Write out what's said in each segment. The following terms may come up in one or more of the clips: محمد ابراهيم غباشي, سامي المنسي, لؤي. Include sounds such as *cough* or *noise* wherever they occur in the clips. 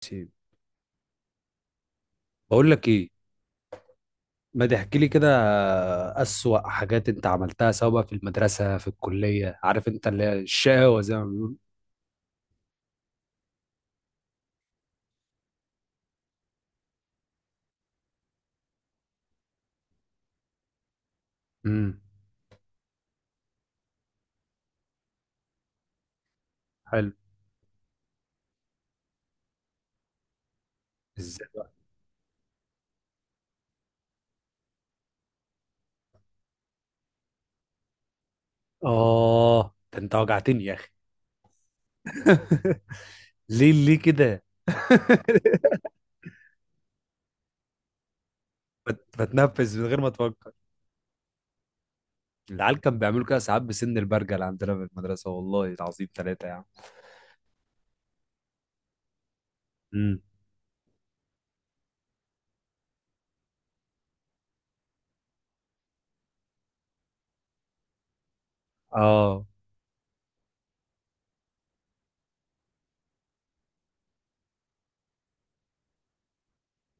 سيب. بقول لك ايه؟ ما تحكي لي كده. اسوأ حاجات انت عملتها، سواء بقى في المدرسة في الكلية، عارف انت اللي هي الشقاوة زي ما بيقولوا. امم. حلو. ازاي بقى؟ اه ده انت وجعتني يا اخي. *laughs* ليه؟ ليه كده؟ *laughs* بتنفس من غير ما تفكر. العيال كان بيعملوا كده ساعات بسن البرجل عندنا في المدرسة، والله العظيم ثلاثة يعني. امم. اه.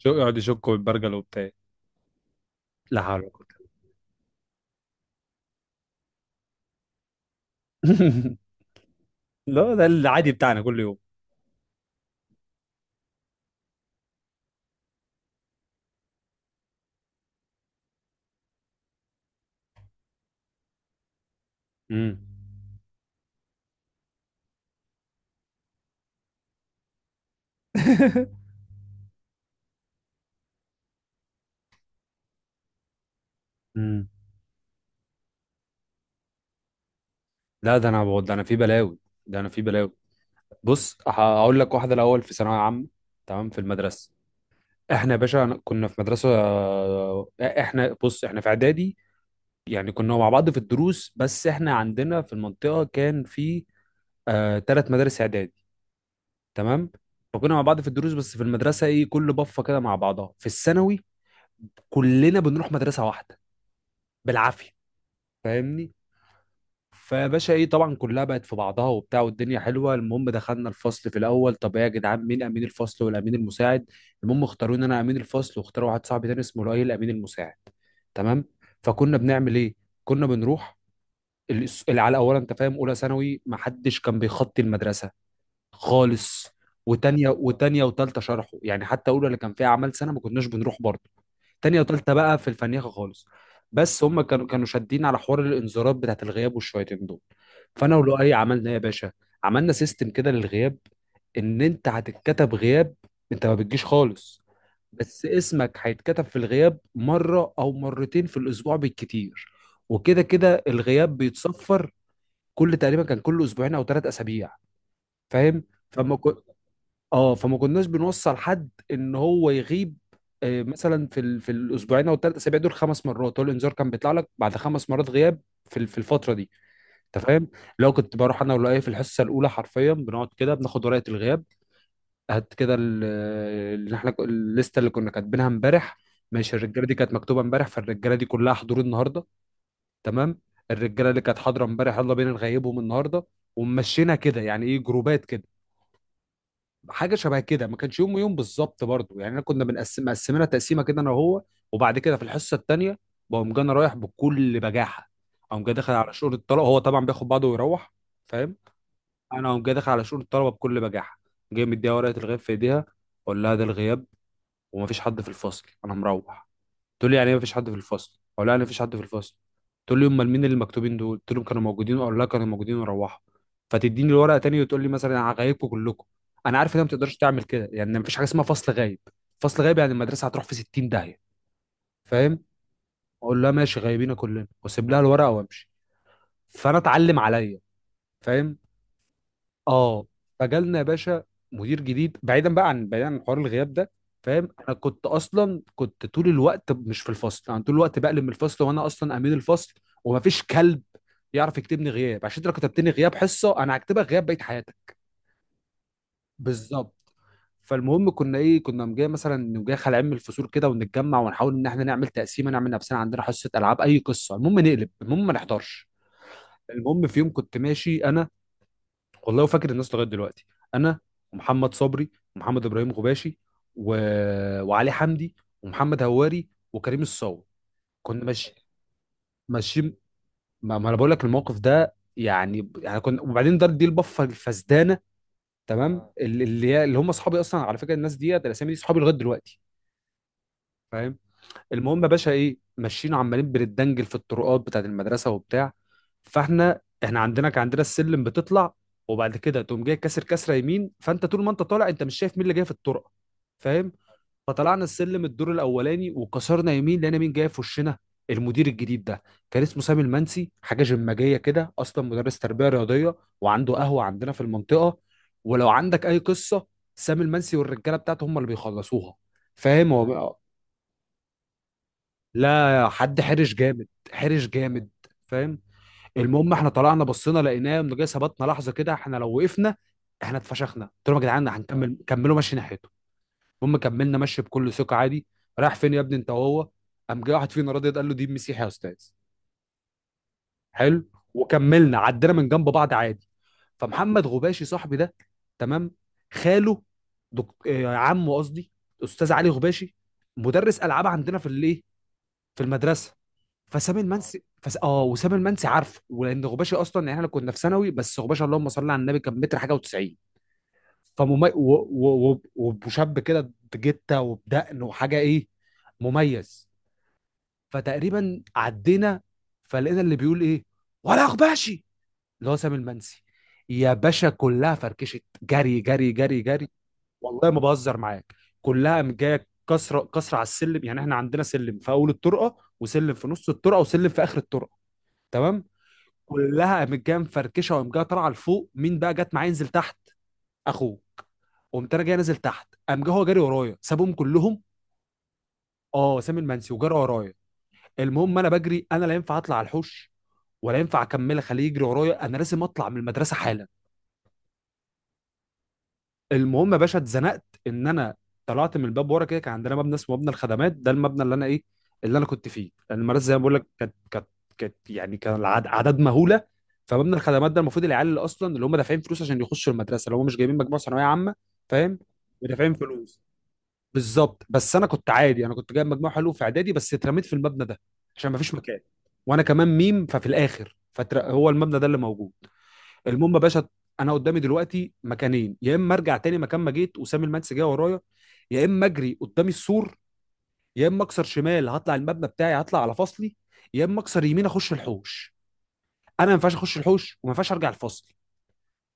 شو، يقعد يشكوا بالبرجل وبتاع. لا حول ولا قوة. *laughs* لا، ده العادي بتاعنا كل يوم. امم. *laughs* مم. لا ده انا بقول، ده انا في بلاوي. ده انا في بلاوي. بص هقول لك واحده الاول. في ثانويه عامه، تمام، في المدرسه، احنا يا باشا كنا في مدرسه احنا، بص، احنا في اعدادي يعني، كنا مع بعض في الدروس. بس احنا عندنا في المنطقه كان في ثلاث مدارس اعدادي، تمام. فكنا مع بعض في الدروس، بس في المدرسه ايه، كل بفه كده مع بعضها في الثانوي، كلنا بنروح مدرسه واحده بالعافيه. فاهمني؟ فباشا ايه، طبعا كلها بقت في بعضها وبتاع، والدنيا حلوه. المهم دخلنا الفصل في الاول، طب ايه يا جدعان، مين امين الفصل والامين المساعد؟ المهم اختاروا ان انا امين الفصل، واختاروا واحد صاحبي تاني اسمه لؤي الامين المساعد، تمام. فكنا بنعمل ايه؟ كنا بنروح اللي على اولا، انت فاهم، اولى ثانوي ما حدش كان بيخطي المدرسه خالص، وتانية وتانية وتالتة شرحه يعني، حتى اولى اللي كان فيها اعمال سنه ما كناش بنروح برضه، تانية وتالتة بقى في الفنيخة خالص. بس هم كانوا شادين على حوار الانذارات بتاعت الغياب والشويتين دول. فانا ولؤي عملنا ايه يا باشا؟ عملنا سيستم كده للغياب. ان انت هتتكتب غياب، انت ما بتجيش خالص، بس اسمك هيتكتب في الغياب مرة او مرتين في الاسبوع بالكتير، وكده كده الغياب بيتصفر كل، تقريبا كان كل اسبوعين او ثلاث اسابيع، فاهم؟ فما اه فما كناش بنوصل حد ان هو يغيب آه، مثلا في الاسبوعين او الثلاث اسابيع دول خمس مرات، هو الانذار كان بيطلع لك بعد خمس مرات غياب في الفتره دي، انت فاهم؟ لو كنت بروح انا ولا ايه في الحصه الاولى، حرفيا بنقعد كده بناخد ورقه الغياب، هات كده اللي، احنا الليسته اللي كنا كاتبينها امبارح، ماشي، الرجاله دي كانت مكتوبه امبارح، فالرجاله دي كلها حضور النهارده، تمام. الرجاله اللي كانت حاضره امبارح، يلا بينا نغيبهم النهارده، ومشينا كده، يعني ايه، جروبات كده، حاجه شبه كده، ما كانش يوم ويوم بالظبط برضو يعني، انا كنا بنقسم مقسمينها تقسيمه كده انا وهو. وبعد كده في الحصه الثانيه بقوم جاي انا رايح بكل بجاحه، اقوم جاي داخل على شؤون الطلبه، هو طبعا بياخد بعضه ويروح، فاهم؟ انا اقوم جاي داخل على شؤون الطلبه بكل بجاحه، جاي مديها ورقه الغياب في ايديها، اقول لها ده الغياب، ومفيش حد في الفصل، انا مروح. تقول لي يعني ايه مفيش حد في الفصل؟ اقول لها يعني مفيش حد في الفصل. تقول لي امال مين اللي مكتوبين دول قلت لهم كانوا موجودين؟ اقول لها كانوا موجودين وروحوا. فتديني الورقه تاني وتقول لي مثلا انا هغيبكم كلكم. انا عارف ان انت ما تقدرش تعمل كده، يعني مفيش حاجه اسمها فصل غايب. فصل غايب يعني المدرسه هتروح في 60 داهيه، فاهم؟ اقول لها ماشي، غايبين كلنا، واسيب لها الورقه وامشي. فانا اتعلم عليا، فاهم؟ اه. فجالنا يا باشا مدير جديد. بعيدا بقى عن، بعيدا عن حوار الغياب ده، فاهم انا كنت اصلا، كنت طول الوقت مش في الفصل، انا طول الوقت بقلب من الفصل وانا اصلا امين الفصل، ومفيش كلب يعرف يكتبني غياب، عشان انت لو كتبتني غياب حصه انا هكتبك غياب بقيه حياتك، بالظبط. فالمهم كنا ايه، كنا جاي مثلا نقوم جاي خلع من الفصول كده، ونتجمع ونحاول ان احنا نعمل تقسيمه، نعمل نفسنا عندنا حصه العاب، اي قصه المهم نقلب، المهم ما نحضرش. المهم في يوم كنت ماشي انا، والله وفاكر الناس لغايه دلوقتي، انا ومحمد صبري، ومحمد ابراهيم غباشي، و... وعلي حمدي، ومحمد هواري، وكريم الصاوي. كنا ماشي، ماشيين. ما انا بقول لك الموقف ده يعني يعني كنا، وبعدين دار دي البفه الفسدانه، تمام، اللي هم اصحابي اصلا، على فكره الناس ديت، الاسامي دي اصحابي لغايه دلوقتي، فاهم؟ المهم يا باشا ايه، ماشيين عمالين بنتدنجل في الطرقات بتاعت المدرسه وبتاع، فاحنا عندنا، كان عندنا السلم بتطلع وبعد كده تقوم جاي كاسر كسره يمين، فانت طول ما انت طالع انت مش شايف مين اللي جاي في الطرقه، فاهم؟ فطلعنا السلم الدور الاولاني، وكسرنا يمين، لقينا مين جاي في وشنا. المدير الجديد ده كان اسمه سامي المنسي، حاجه جماجيه كده، اصلا مدرس تربيه رياضيه، وعنده قهوه عندنا في المنطقه، ولو عندك اي قصه سامي المنسي والرجاله بتاعته هم اللي بيخلصوها، فاهم هو. لا حد حرش جامد، حرش جامد، فاهم. المهم احنا طلعنا، بصينا لقيناه انه جاي، ثبتنا لحظه كده، احنا لو وقفنا احنا اتفشخنا. قلت لهم يا جدعان هنكمل، كملوا مشي ناحيته. المهم كملنا مشي بكل ثقه عادي. رايح فين يا ابني انت وهو؟ قام جاي واحد فينا راضي قال له دي مسيحي يا استاذ. حلو. وكملنا عدينا من جنب بعض عادي. فمحمد غباشي صاحبي ده، تمام، خاله، دك... آه، عمه قصدي، استاذ علي غباشي، مدرس العاب عندنا في الايه، في المدرسه. فسام المنسي فس... اه وسام المنسي عارفه، ولان غباشي اصلا، يعني احنا كنا في ثانوي، بس غباشي اللهم صل على النبي، كان متر حاجه و90، فممي... و... و... و... وشاب كده بجته وبدقن وحاجه، ايه، مميز. فتقريبا عدينا، فلقينا اللي بيقول ايه ولا غباشي اللي هو سام المنسي. يا باشا كلها فركشت، جري جري جري جري، والله ما بهزر معاك، كلها جايه كسره كسره على السلم، يعني احنا عندنا سلم في اول الطرقه، وسلم في نص الطرقه، وسلم في اخر الطرقه، تمام. كلها قامت جايه مفركشه، وقام جايه طالعه لفوق. مين بقى جت معايا ينزل تحت؟ اخوه. قمت انا جاي نازل تحت، قام جه هو جاري ورايا، سابهم كلهم. اه، سامي المنسي وجاري ورايا. المهم انا بجري، انا لا ينفع اطلع على الحوش، ولا ينفع اكمل اخليه يجري ورايا، انا لازم اطلع من المدرسه حالا. المهم يا باشا اتزنقت، ان انا طلعت من الباب ورا كده. كان عندنا مبنى اسمه مبنى الخدمات، ده المبنى اللي انا ايه، اللي انا كنت فيه، لان المدرسه زي ما بقول لك كانت، كانت يعني كان اعداد مهوله. فمبنى الخدمات ده المفروض العيال اللي اصلا، اللي هم دافعين فلوس عشان يخشوا المدرسه، اللي هم مش جايبين مجموعه ثانويه عامه، فاهم؟ ودافعين فلوس، بالظبط. بس انا كنت عادي، انا كنت جايب مجموع حلو في اعدادي، بس اترميت في المبنى ده عشان ما فيش مكان، وانا كمان ميم، ففي الاخر فهو المبنى ده اللي موجود. المهم يا باشا، انا قدامي دلوقتي مكانين، يا اما ارجع تاني مكان ما جيت وسام المنسي جاي ورايا، يا اما اجري قدام السور، يا اما اكسر شمال هطلع المبنى بتاعي هطلع على فصلي، يا اما اكسر يمين اخش الحوش، انا ما ينفعش اخش الحوش وما ينفعش ارجع الفصل،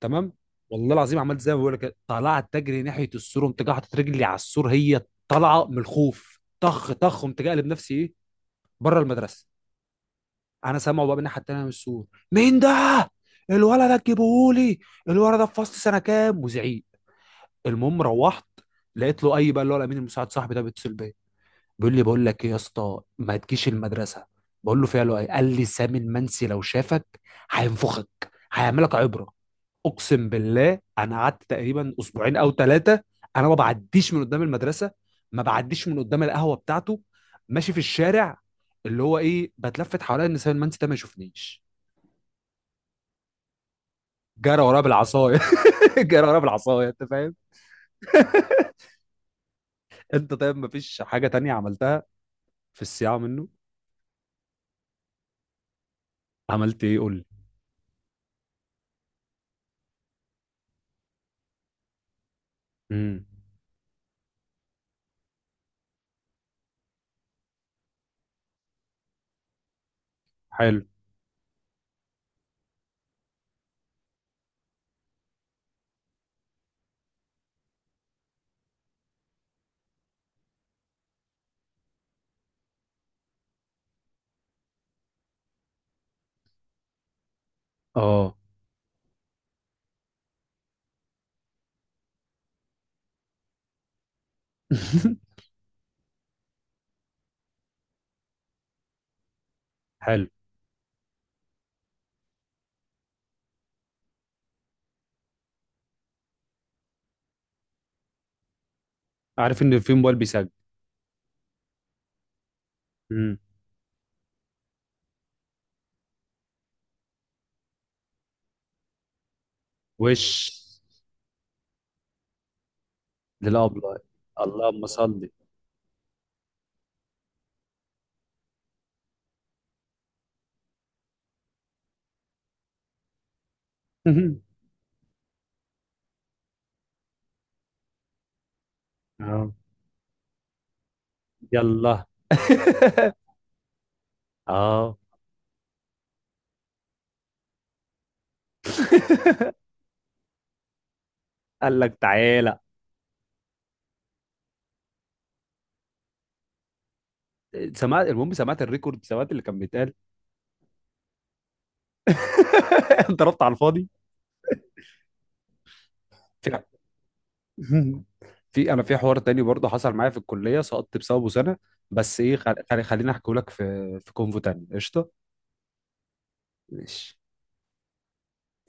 تمام. والله العظيم عملت زي ما بقول لك، طلعت تجري ناحيه السور، قمت جاي حاطط رجلي على السور، هي طالعه من الخوف طخ طخ، قمت جاي قلب نفسي ايه، بره المدرسه. انا سامعه بقى من الناحيه التانيه من السور، مين ده الولد ده، تجيبهولي الولد ده في فصل سنه كام، وزعيق. المهم روحت، لقيت له اي بقى، اللي هو الامين المساعد صاحبي ده بيتصل بيا، بيقول لي بقول لك ايه يا اسطى، ما تجيش المدرسه. بقول له فيها له ايه؟ قال لي سامي المنسي لو شافك هينفخك، هيعملك عبره. اقسم بالله انا قعدت تقريبا اسبوعين او ثلاثه، انا ما بعديش من قدام المدرسه، ما بعديش من قدام القهوه بتاعته، ماشي في الشارع اللي هو ايه، بتلفت حواليا ان سامي المنسي ده ما يشوفنيش. جرى ورايا بالعصايه، *laughs* جرى ورايا بالعصايه، انت فاهم. انت طيب، ما فيش حاجه تانية عملتها في الصياعه منه؟ عملت ايه قول لي. امم. حلو. اه. *laughs* حلو، عارف ان في موبايل بيسجل. امم. وش للابله. اللهم صل. *laughs* اه، يلا. *laughs* اه. *laughs* قال لك تعالى. سمعت، المهم سمعت الريكورد، سمعت اللي كان بيتقال. *laughs* ضربت على الفاضي. في، *laughs* في، انا في حوار تاني برضه حصل معايا في الكليه، سقطت بسببه سنه، بس ايه خليني احكي لك في، في كونفو تاني قشطه. ماشي.